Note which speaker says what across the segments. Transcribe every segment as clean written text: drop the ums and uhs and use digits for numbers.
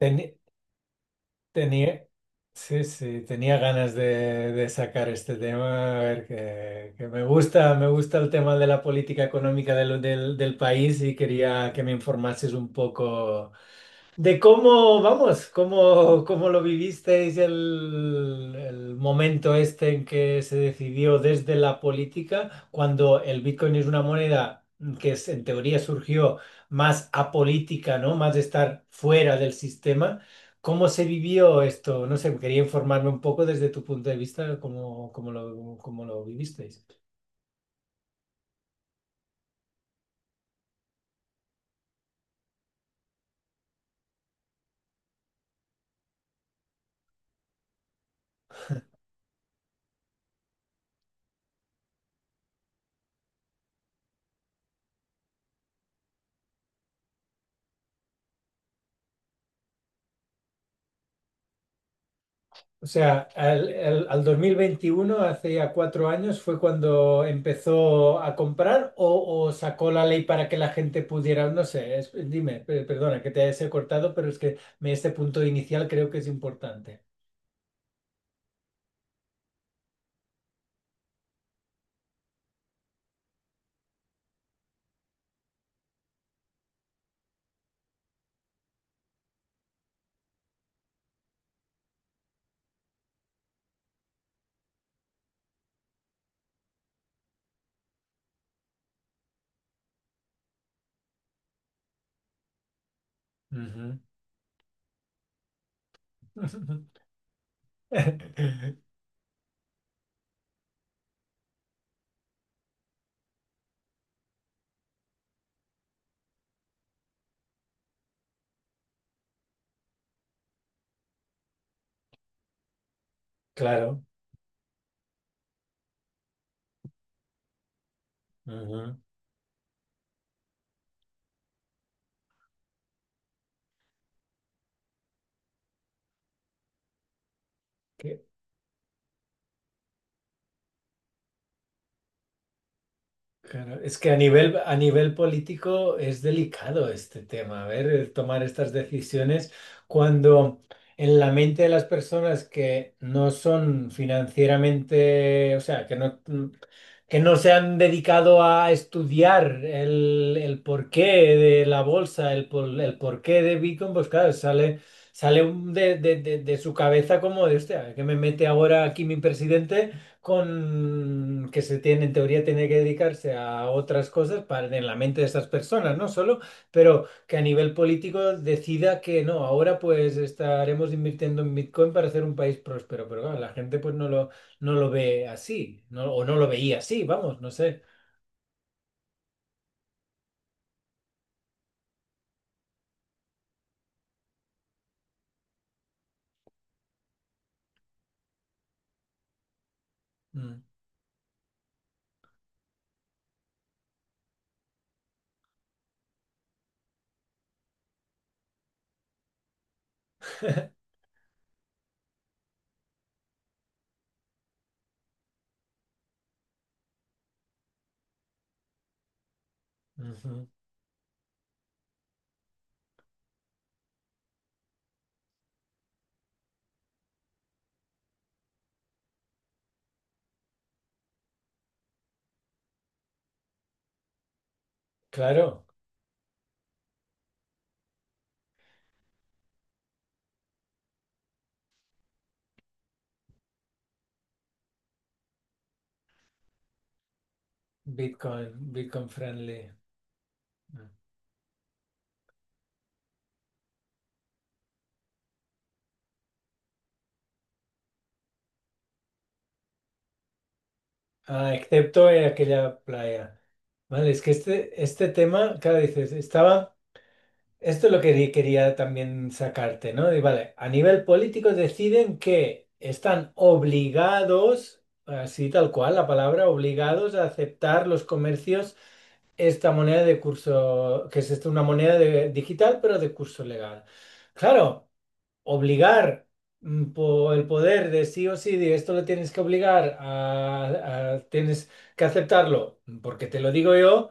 Speaker 1: Teni- tenía, sí, tenía ganas de sacar este tema, a ver, que me gusta el tema de la política económica del país y quería que me informases un poco de cómo, vamos, cómo, cómo lo vivisteis el momento este en que se decidió desde la política, cuando el Bitcoin es una moneda en teoría surgió más apolítica, ¿no? Más de estar fuera del sistema. ¿Cómo se vivió esto? No sé, quería informarme un poco desde tu punto de vista, cómo, cómo lo vivisteis. O sea, al 2021, hace ya cuatro años, fue cuando empezó a comprar o sacó la ley para que la gente pudiera, no sé, dime, perdona que te he cortado, pero es que este punto inicial creo que es importante. Ujú. Claro. Ujú. Claro, es que a nivel político es delicado este tema, a ver, el tomar estas decisiones cuando en la mente de las personas que no son financieramente, o sea, que no se han dedicado a estudiar el porqué de la bolsa, el, el porqué de Bitcoin, pues claro, sale, sale de, de su cabeza como de, hostia, ¿que me mete ahora aquí mi presidente? Con que se tiene, en teoría tiene que dedicarse a otras cosas para en la mente de esas personas, no solo, pero que a nivel político decida que no, ahora pues estaremos invirtiendo en Bitcoin para hacer un país próspero, pero claro, la gente pues no lo ve así, no, o no lo veía así, vamos, no sé. Mm, ujú. Claro, Bitcoin, Bitcoin friendly. Mm. Ah, excepto en aquella playa. Vale, es que este tema, claro, dices, estaba... Esto es lo que quería también sacarte, ¿no? Y vale, a nivel político deciden que están obligados, así tal cual la palabra, obligados a aceptar los comercios esta moneda de curso, que es esto, una moneda digital, pero de curso legal. Claro, obligar por el poder de sí o sí, de esto lo tienes que obligar a, tienes que aceptarlo, porque te lo digo yo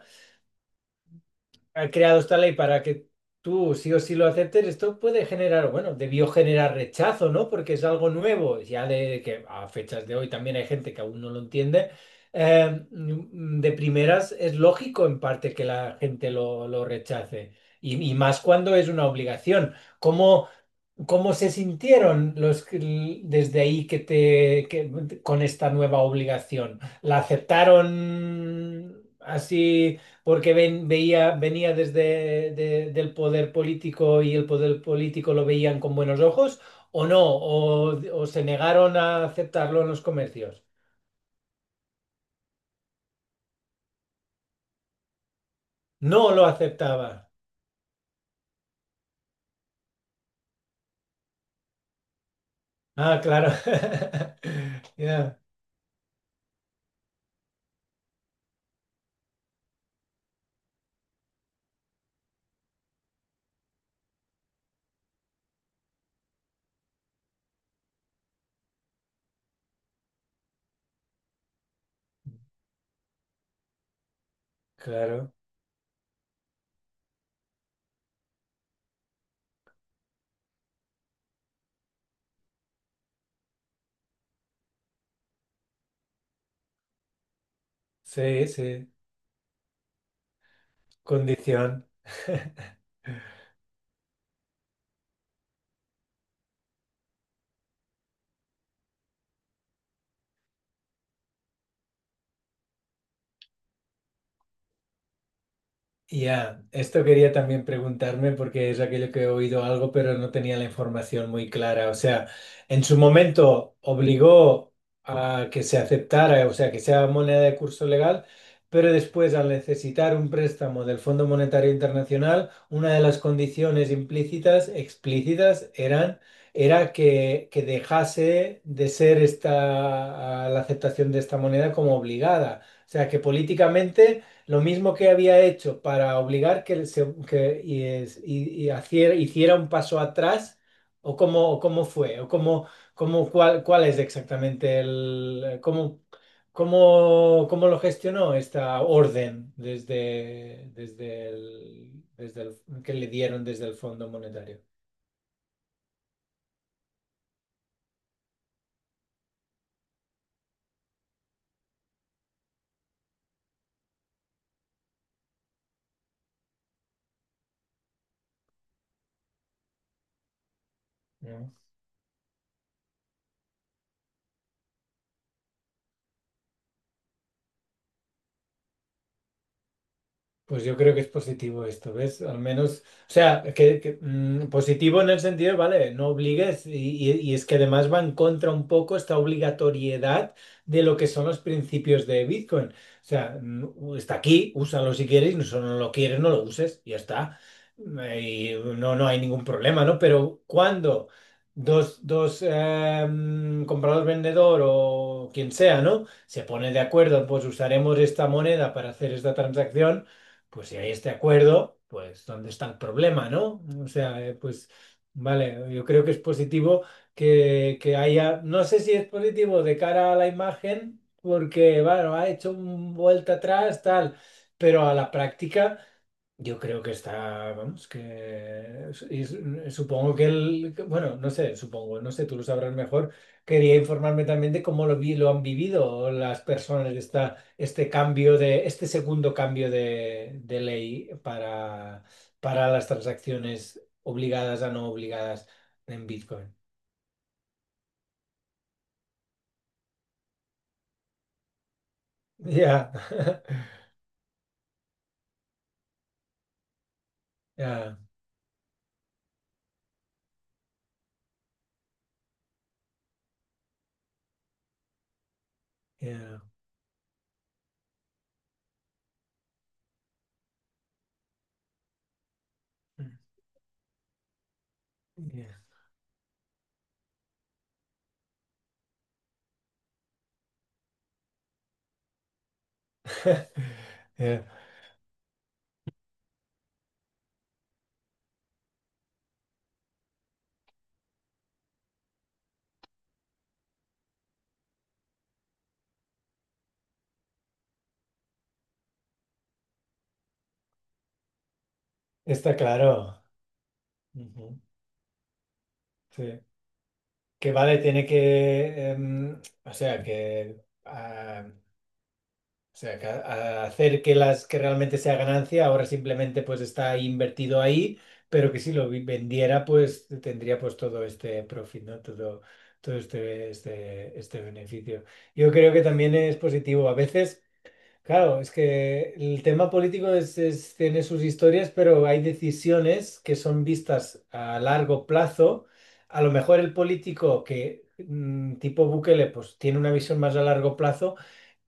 Speaker 1: ha creado esta ley para que tú sí o sí lo aceptes, esto puede generar, bueno, debió generar rechazo, ¿no? Porque es algo nuevo, ya de que a fechas de hoy también hay gente que aún no lo entiende. De primeras es lógico en parte que la gente lo rechace. Y más cuando es una obligación. ¿Cómo, ¿Cómo se sintieron los desde ahí que te con esta nueva obligación? ¿La aceptaron así porque veía, venía desde del poder político y el poder político lo veían con buenos ojos o no? O se negaron a aceptarlo en los comercios? No lo aceptaba. Ah, claro. Ya, claro. Sí, sí. Condición. Ya, esto quería también preguntarme porque es aquello que he oído algo, pero no tenía la información muy clara. O sea, en su momento obligó a que se aceptara, o sea, que sea moneda de curso legal, pero después al necesitar un préstamo del Fondo Monetario Internacional, una de las condiciones implícitas, explícitas, era que dejase de ser esta la aceptación de esta moneda como obligada. O sea, que políticamente lo mismo que había hecho para obligar que, y haciera, hiciera un paso atrás, o cómo fue, o cómo, cómo, cuál, cuál es exactamente el, cómo, cómo, cómo lo gestionó esta orden desde, desde el, desde que le dieron desde el Fondo Monetario. ¿No? Pues yo creo que es positivo esto, ¿ves? Al menos, o sea, positivo en el sentido, vale, no obligues y, y es que además va en contra un poco esta obligatoriedad de lo que son los principios de Bitcoin. O sea, está aquí, úsalo si quieres, y si no lo quieres, no lo uses, ya está. Y no, no hay ningún problema, ¿no? Pero cuando dos, comprador, vendedor o quien sea, ¿no? Se pone de acuerdo, pues usaremos esta moneda para hacer esta transacción, pues si hay este acuerdo, pues ¿dónde está el problema, no? O sea, pues vale, yo creo que es positivo que haya, no sé si es positivo de cara a la imagen, porque, bueno, ha hecho un vuelta atrás, tal, pero a la práctica. Yo creo que está, vamos, que es- y su- supongo que el, bueno, no sé, supongo, no sé, tú lo sabrás mejor. Quería informarme también de cómo lo han vivido las personas esta, este cambio de, este segundo cambio de ley para las transacciones obligadas a no obligadas en Bitcoin. Ya, ya, ya, ya. Ya. Está claro. Ujú, Sí. Que vale, tiene que, o sea, que, ah, o sea, que a hacer que las que realmente sea ganancia, ahora simplemente pues está invertido ahí, pero que si vendiera pues tendría pues todo este profit, ¿no? Todo, todo este beneficio. Yo creo que también es positivo. A veces... Claro, es que el tema político tiene sus historias, pero hay decisiones que son vistas a largo plazo. A lo mejor el político que, tipo Bukele, pues tiene una visión más a largo plazo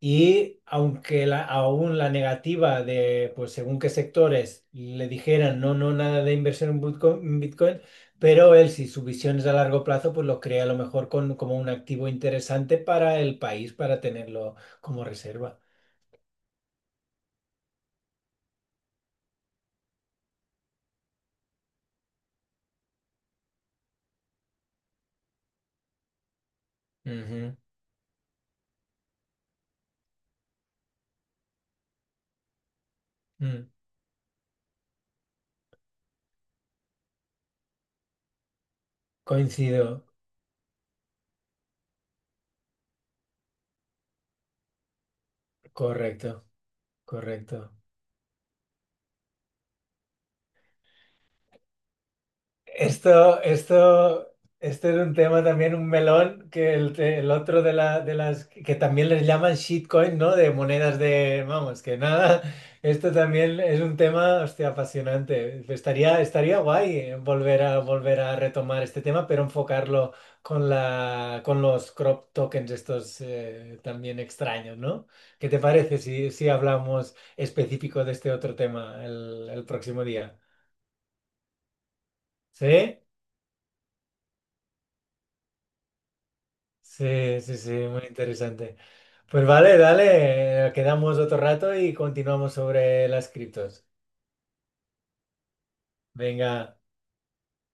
Speaker 1: y aunque aún la negativa de, pues según qué sectores le dijeran no, no, nada de inversión en en Bitcoin, pero él, si su visión es a largo plazo, pues lo crea a lo mejor como un activo interesante para el país, para tenerlo como reserva. Ujú. Mm, coincido, correcto, correcto. Esto, este era un tema también, un melón, que el, el otro de, la, de las que también les llaman shitcoin, ¿no? De monedas de, vamos, que nada, esto también es un tema, hostia, apasionante. Estaría guay volver a, volver a retomar este tema, pero enfocarlo con la, con los crop tokens estos también extraños, ¿no? ¿Qué te parece si, si hablamos específico de este otro tema el próximo día? ¿Sí? Sí, sí, sí, muy interesante. Pues vale, dale, quedamos otro rato y continuamos sobre las criptos. Venga.